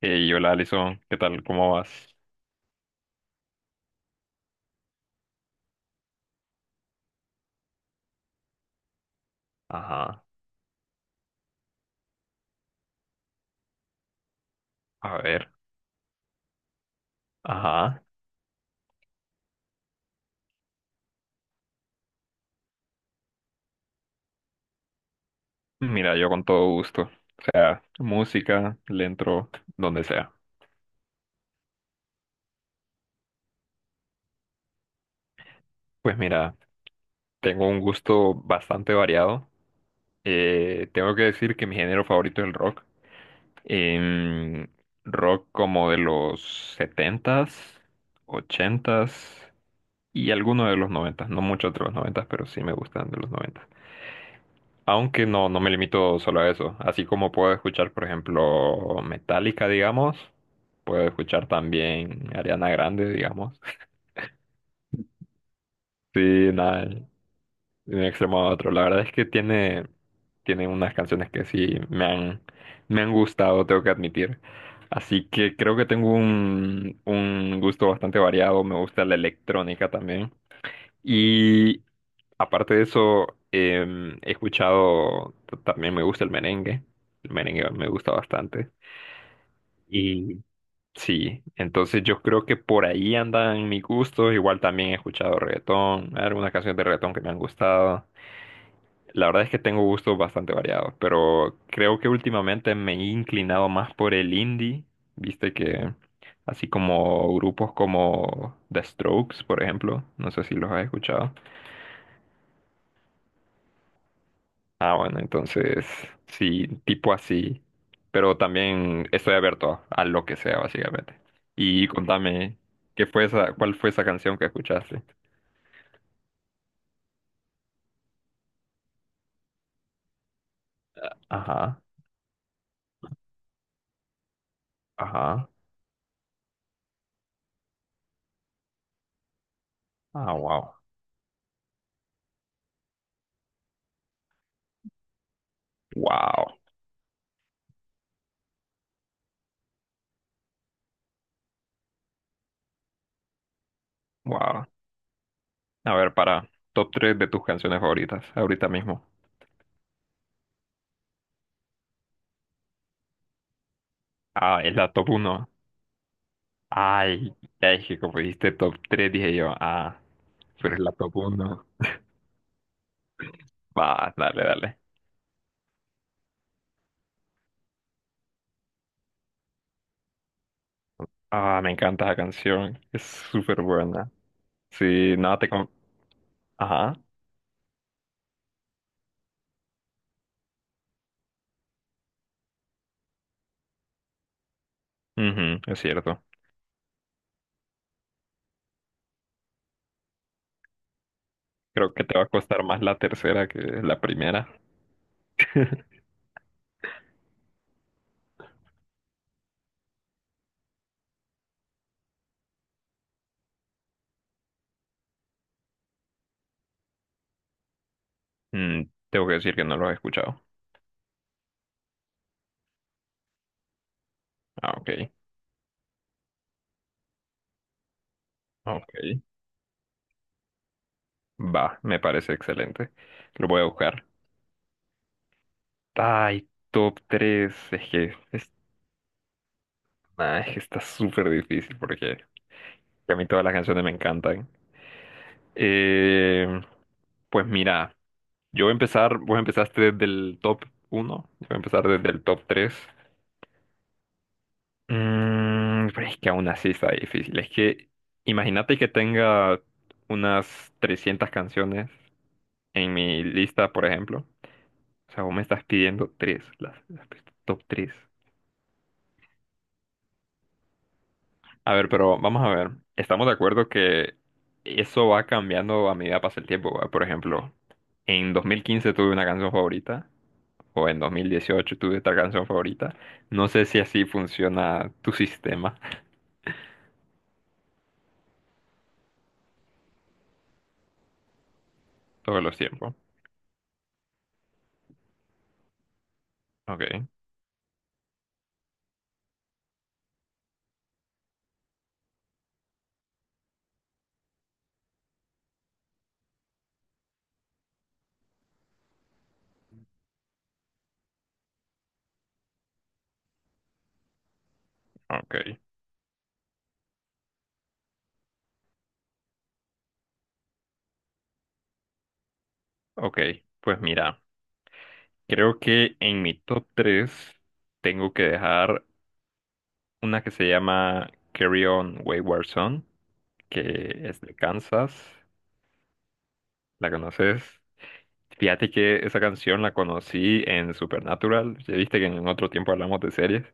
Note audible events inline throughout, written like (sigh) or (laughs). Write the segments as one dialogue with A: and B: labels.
A: Hey, hola Alison, ¿qué tal? ¿Cómo vas? Ajá, a ver, ajá. Mira, yo con todo gusto. O sea, música, le entro donde sea. Pues mira, tengo un gusto bastante variado. Tengo que decir que mi género favorito es el rock. Em, Rock como de los setentas, ochentas y algunos de los noventas. No mucho de los noventas, pero sí me gustan de los noventas. Aunque no, no me limito solo a eso. Así como puedo escuchar, por ejemplo, Metallica, digamos, puedo escuchar también Ariana Grande, digamos. (laughs) Sí, nada, de un extremo a otro. La verdad es que tiene unas canciones que sí me han gustado, tengo que admitir. Así que creo que tengo un gusto bastante variado. Me gusta la electrónica también. Y aparte de eso, he escuchado, también me gusta el merengue. El merengue me gusta bastante. Y sí, entonces yo creo que por ahí andan mis gustos. Igual también he escuchado reggaetón, algunas canciones de reggaetón que me han gustado. La verdad es que tengo gustos bastante variados, pero creo que últimamente me he inclinado más por el indie. Viste que así como grupos como The Strokes, por ejemplo, no sé si los has escuchado. Ah, bueno, entonces sí, tipo así. Pero también estoy abierto a lo que sea, básicamente. Y contame, ¿cuál fue esa canción que escuchaste? Ajá, ajá. Ah, wow. Wow, wow. A ver, para top 3 de tus canciones favoritas, ahorita mismo. Ah, es la top 1. Ay, es que como dijiste top 3, dije yo, ah, pero es la top 1. Va, dale, dale. Ah, me encanta esa canción, es súper buena. Sí, nada. Ajá, ujú, es cierto. Creo que te va a costar más la tercera que la primera. (laughs) Mm, Tengo que decir que no los he escuchado. Ah, ok, ok. Va, me parece excelente. Lo voy a buscar. Ay, top tres. Es que, nah, es que está súper difícil porque a mí todas las canciones me encantan. Eh, pues mira, yo voy a empezar, vos empezaste desde el top uno, yo voy a empezar desde el top 3. Pero es que aún así está difícil. Es que imagínate que tenga unas 300 canciones en mi lista, por ejemplo. O sea, vos me estás pidiendo tres, las top tres. A ver, pero vamos a ver. Estamos de acuerdo que eso va cambiando a medida que pasa el tiempo, ¿va? Por ejemplo, en 2015 tuve una canción favorita, o en 2018 tuve otra canción favorita. No sé si así funciona tu sistema. (laughs) Todos los tiempos. Ok, ok. Ok, pues mira, creo que en mi top 3 tengo que dejar una que se llama Carry On Wayward Son, que es de Kansas. ¿La conoces? Fíjate que esa canción la conocí en Supernatural. Ya viste que en otro tiempo hablamos de series.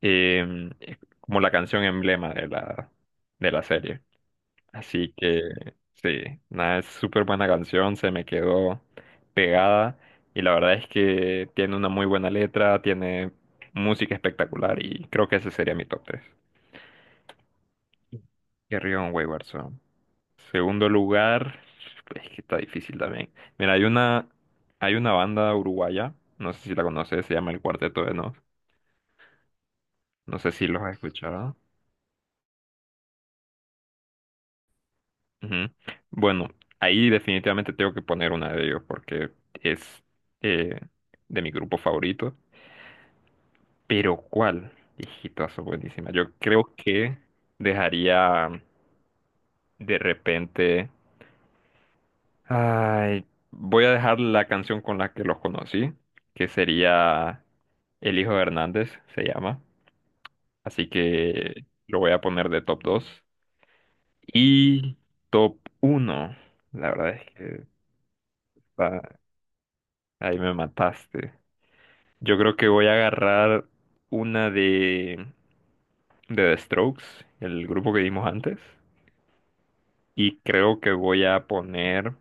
A: Es como la canción emblema de la serie. Así que sí, nada, es súper buena canción, se me quedó pegada y la verdad es que tiene una muy buena letra, tiene música espectacular y creo que ese sería mi top tres. Carry On Wayward Son. Segundo lugar, es que está difícil también. Mira, hay una banda uruguaya, no sé si la conoces, se llama El Cuarteto de Nos. No sé si los has escuchado. Ujú. Bueno, ahí definitivamente tengo que poner una de ellos porque es eh, de mi grupo favorito. Pero ¿cuál? Hijito, eso buenísima. Yo creo que dejaría de repente. Ay, voy a dejar la canción con la que los conocí, que sería El Hijo de Hernández, se llama. Así que lo voy a poner de top dos. Y top uno, la verdad es que está- ahí me mataste. Yo creo que voy a agarrar una de The Strokes, el grupo que vimos antes, y creo que voy a poner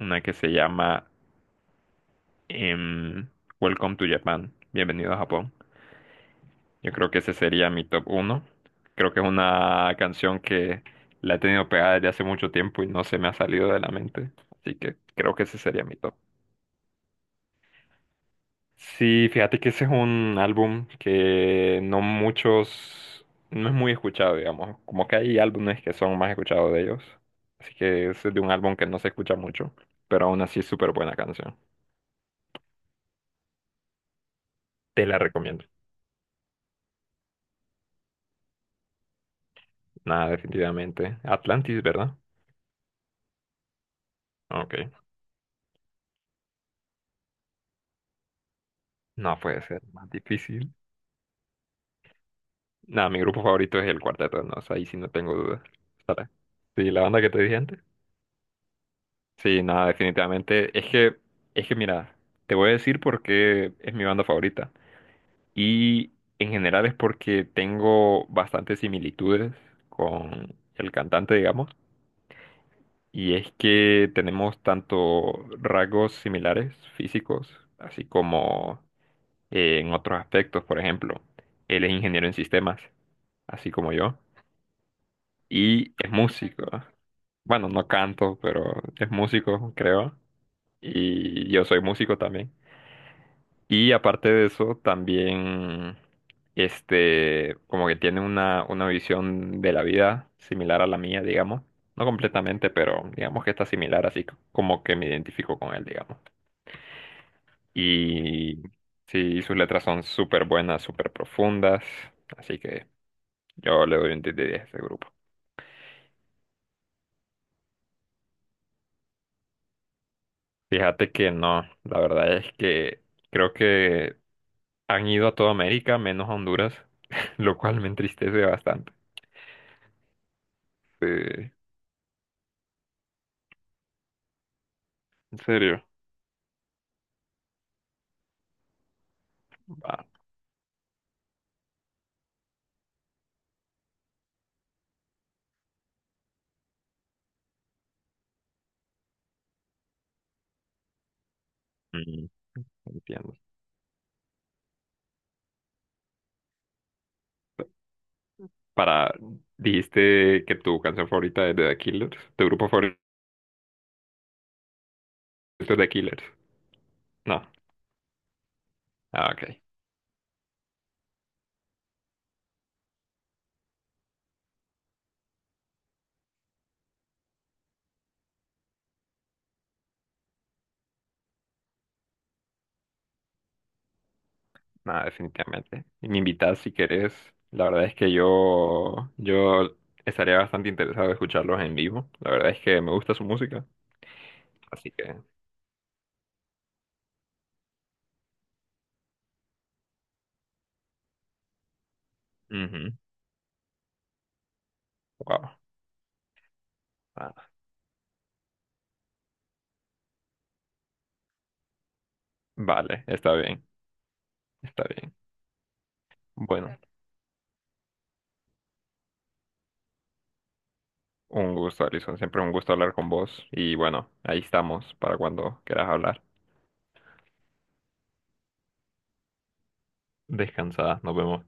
A: una que se llama em, Welcome to Japan, Bienvenido a Japón. Yo creo que ese sería mi top uno. Creo que es una canción que la he tenido pegada desde hace mucho tiempo y no se me ha salido de la mente, así que creo que ese sería mi top. Sí, fíjate que ese es un álbum que no muchos, no es muy escuchado, digamos. Como que hay álbumes que son más escuchados de ellos. Así que ese es de un álbum que no se escucha mucho, pero aún así es súper buena canción. Te la recomiendo. Nada, definitivamente. Atlantis, ¿verdad? Ok. No puede ser más difícil. Nada, mi grupo favorito es el Cuarteto de Nos, ahí sí no tengo dudas. Sara. Sí, la banda que te dije antes. Sí, nada, definitivamente. Es que mira, te voy a decir por qué es mi banda favorita. Y en general es porque tengo bastantes similitudes con el cantante, digamos. Y es que tenemos tanto rasgos similares físicos, así como en otros aspectos. Por ejemplo, él es ingeniero en sistemas, así como yo. Y es músico. Bueno, no canto, pero es músico, creo. Y yo soy músico también. Y aparte de eso, también, este, como que tiene una visión de la vida similar a la mía, digamos. No completamente, pero digamos que está similar, así como que me identifico con él, digamos. Y sí, sus letras son súper buenas, súper profundas, así que yo le doy un 10 de 10 a este grupo. Fíjate que no, la verdad es que creo que han ido a toda América menos a Honduras, (laughs) lo cual me entristece bastante. Sí, en serio. Mm, Entiendo. Para, dijiste que tu canción favorita es de The Killers, tu grupo favorito es The Killers. No, ah, ok, nada definitivamente. Y me invitas si querés. La verdad es que yo estaría bastante interesado en escucharlos en vivo. La verdad es que me gusta su música, así que, ujú, wow. Ah, vale, está bien, está bien. Bueno, un gusto, Alison. Siempre un gusto hablar con vos. Y bueno, ahí estamos para cuando quieras hablar. Descansada, nos vemos.